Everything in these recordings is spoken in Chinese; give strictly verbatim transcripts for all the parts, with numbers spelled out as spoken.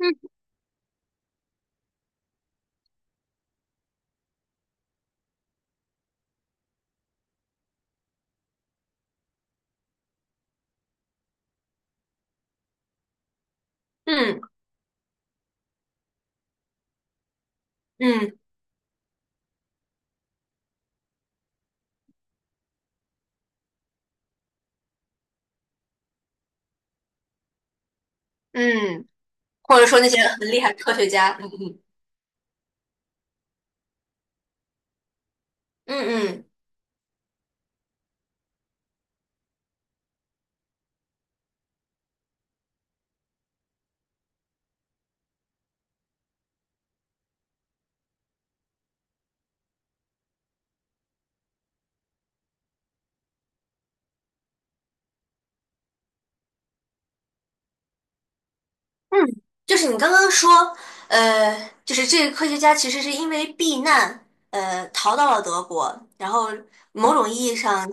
嗯嗯嗯嗯，或者说那些很厉害的科学家，嗯嗯嗯嗯就是你刚刚说，呃，就是这个科学家其实是因为避难，呃，逃到了德国。然后某种意义上，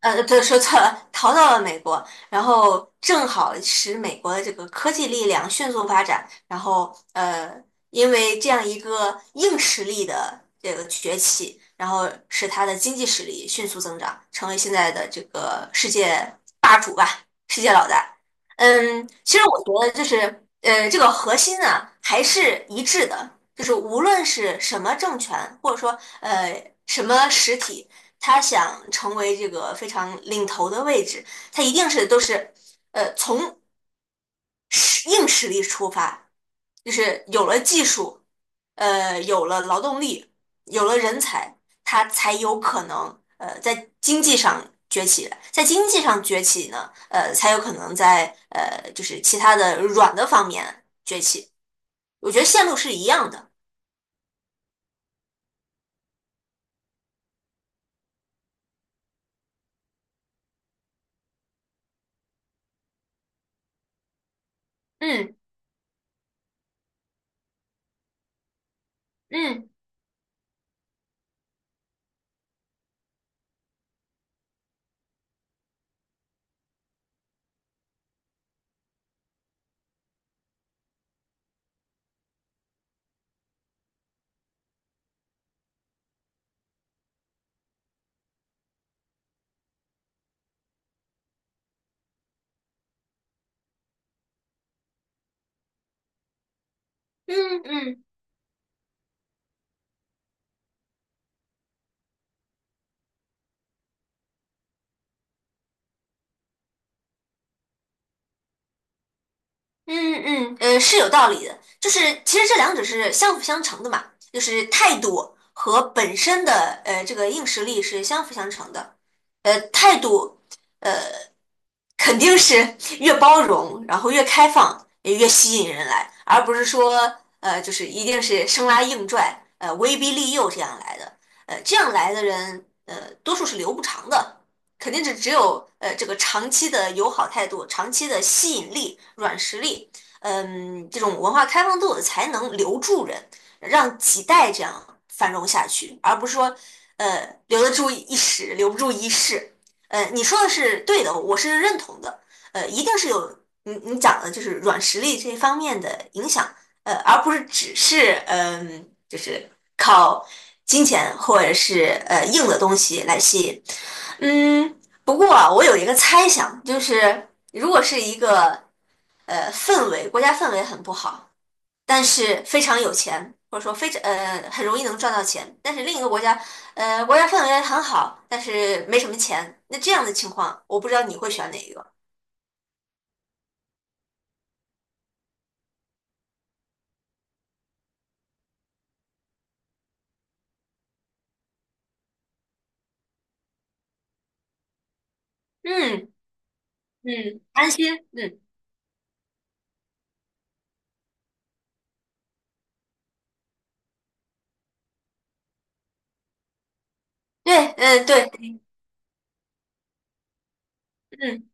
呃，对，说错了，逃到了美国。然后正好使美国的这个科技力量迅速发展，然后呃，因为这样一个硬实力的这个崛起，然后使它的经济实力迅速增长，成为现在的这个世界霸主吧，世界老大。嗯，其实我觉得就是，呃，这个核心呢还是一致的，就是无论是什么政权，或者说呃什么实体，他想成为这个非常领头的位置，他一定是都是，呃，从实硬实力出发，就是有了技术，呃，有了劳动力，有了人才。它才有可能呃在经济上崛起来在经济上崛起呢，呃，才有可能在呃就是其他的软的方面崛起。我觉得线路是一样的。嗯嗯嗯嗯嗯嗯，呃，是有道理的。就是其实这两者是相辅相成的嘛，就是态度和本身的呃这个硬实力是相辅相成的。呃，态度肯定是越包容，然后越开放，也越吸引人来，而不是说呃，就是一定是生拉硬拽，呃，威逼利诱这样来的。呃，这样来的人，呃，多数是留不长的，肯定是只有呃这个长期的友好态度、长期的吸引力、软实力，嗯，这种文化开放度才能留住人，让几代这样繁荣下去，而不是说呃留得住一时，留不住一世。呃，你说的是对的，我是认同的。呃，一定是有你你讲的就是软实力这方面的影响，呃，而不是只是嗯、就是靠金钱或者是呃硬的东西来吸引。嗯，不过啊，我有一个猜想，就是如果是一个呃氛围，国家氛围很不好，但是非常有钱，或者说非常呃很容易能赚到钱。但是另一个国家，呃，国家氛围很好，但是没什么钱。那这样的情况，我不知道你会选哪一个。嗯嗯，安心，嗯，对，嗯对，嗯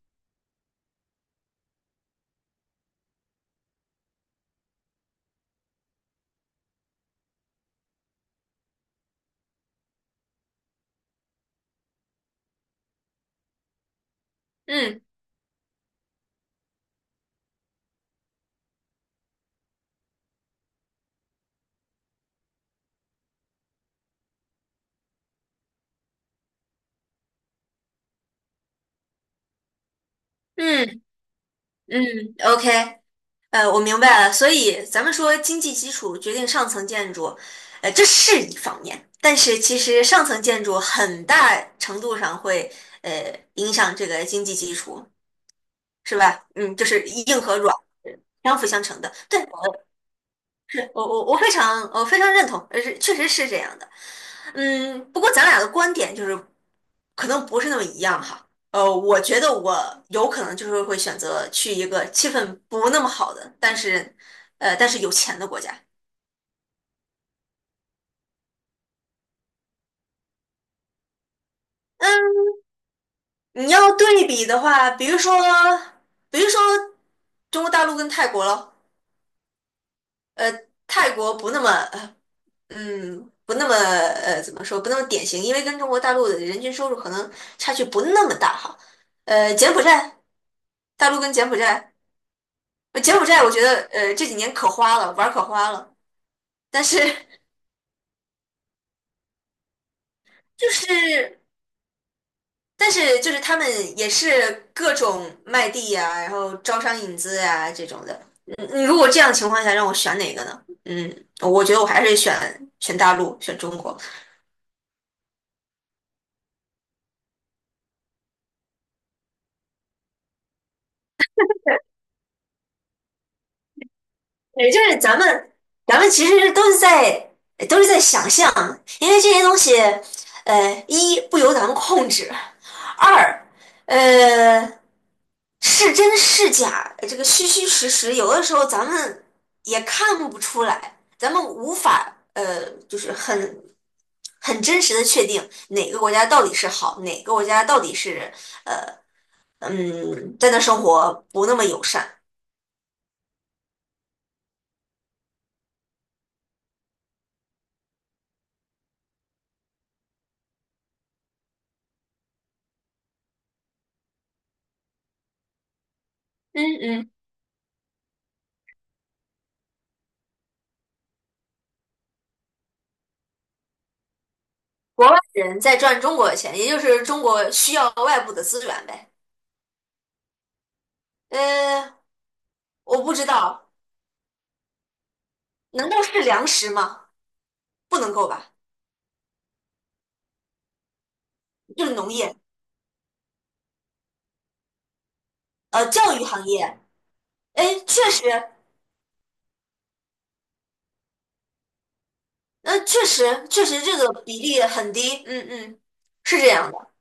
嗯嗯嗯，OK，呃，我明白了。所以咱们说经济基础决定上层建筑，呃，这是一方面，但是其实上层建筑很大程度上会呃影响这个经济基础。是吧？嗯，就是硬和软相辅相成的。对，我我我非常我非常认同，呃，是确实是这样的。嗯，不过咱俩的观点就是可能不是那么一样哈。呃，我觉得我有可能就是会选择去一个气氛不那么好的，但是呃，但是有钱的国家。你要对比的话，比如说，比如说中国大陆跟泰国咯。呃，泰国不那么呃嗯，不那么呃，怎么说，不那么典型，因为跟中国大陆的人均收入可能差距不那么大哈。呃，柬埔寨，大陆跟柬埔寨。呃柬埔寨我觉得呃这几年可花了，玩儿可花了，但是 就是但是就是他们也是各种卖地呀、然后招商引资呀、这种的。嗯，你如果这样的情况下让我选哪个呢？嗯，我觉得我还是选选大陆，选中国。对，就是咱们，咱们其实都是在都是在想象，因为这些东西，呃，一不由咱们控制，二，呃，是真是假，这个虚虚实实，有的时候咱们也看不出来，咱们无法，呃，就是很很真实的确定哪个国家到底是好，哪个国家到底是，呃，嗯，在那生活不那么友善。嗯嗯。国外人在赚中国的钱，也就是中国需要外部的资源呗。呃，我不知道，难道是粮食吗？不能够吧？就是农业。呃，教育行业。哎，确实，呃，确实，确实这个比例很低。嗯嗯，是这样的，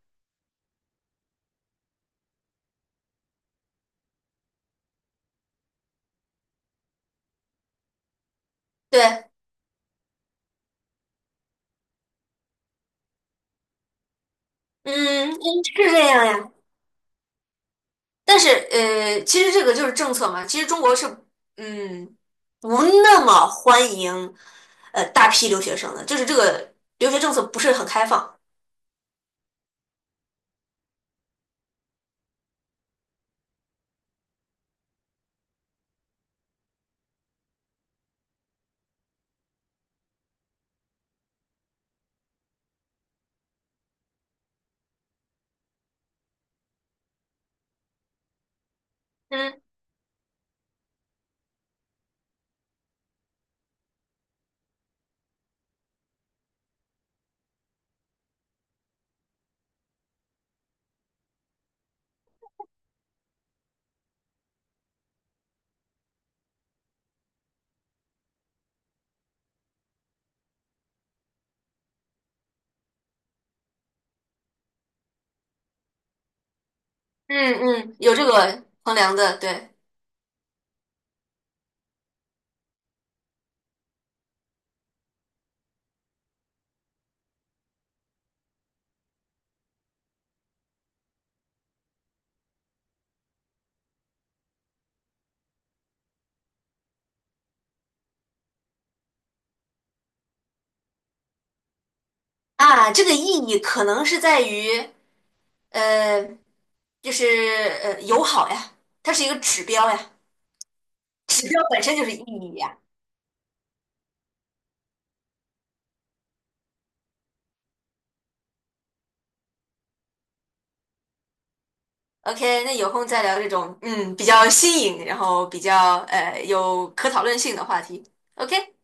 对，嗯嗯，是这样呀。但是，呃，其实这个就是政策嘛。其实中国是，嗯，不那么欢迎，呃，大批留学生的，就是这个留学政策不是很开放。嗯。嗯嗯，有这个衡量的，对啊，这个意义可能是在于，呃，就是呃友好呀，它是一个指标呀。指标本身就是意义呀。OK，那有空再聊这种嗯比较新颖，然后比较呃有可讨论性的话题。OK。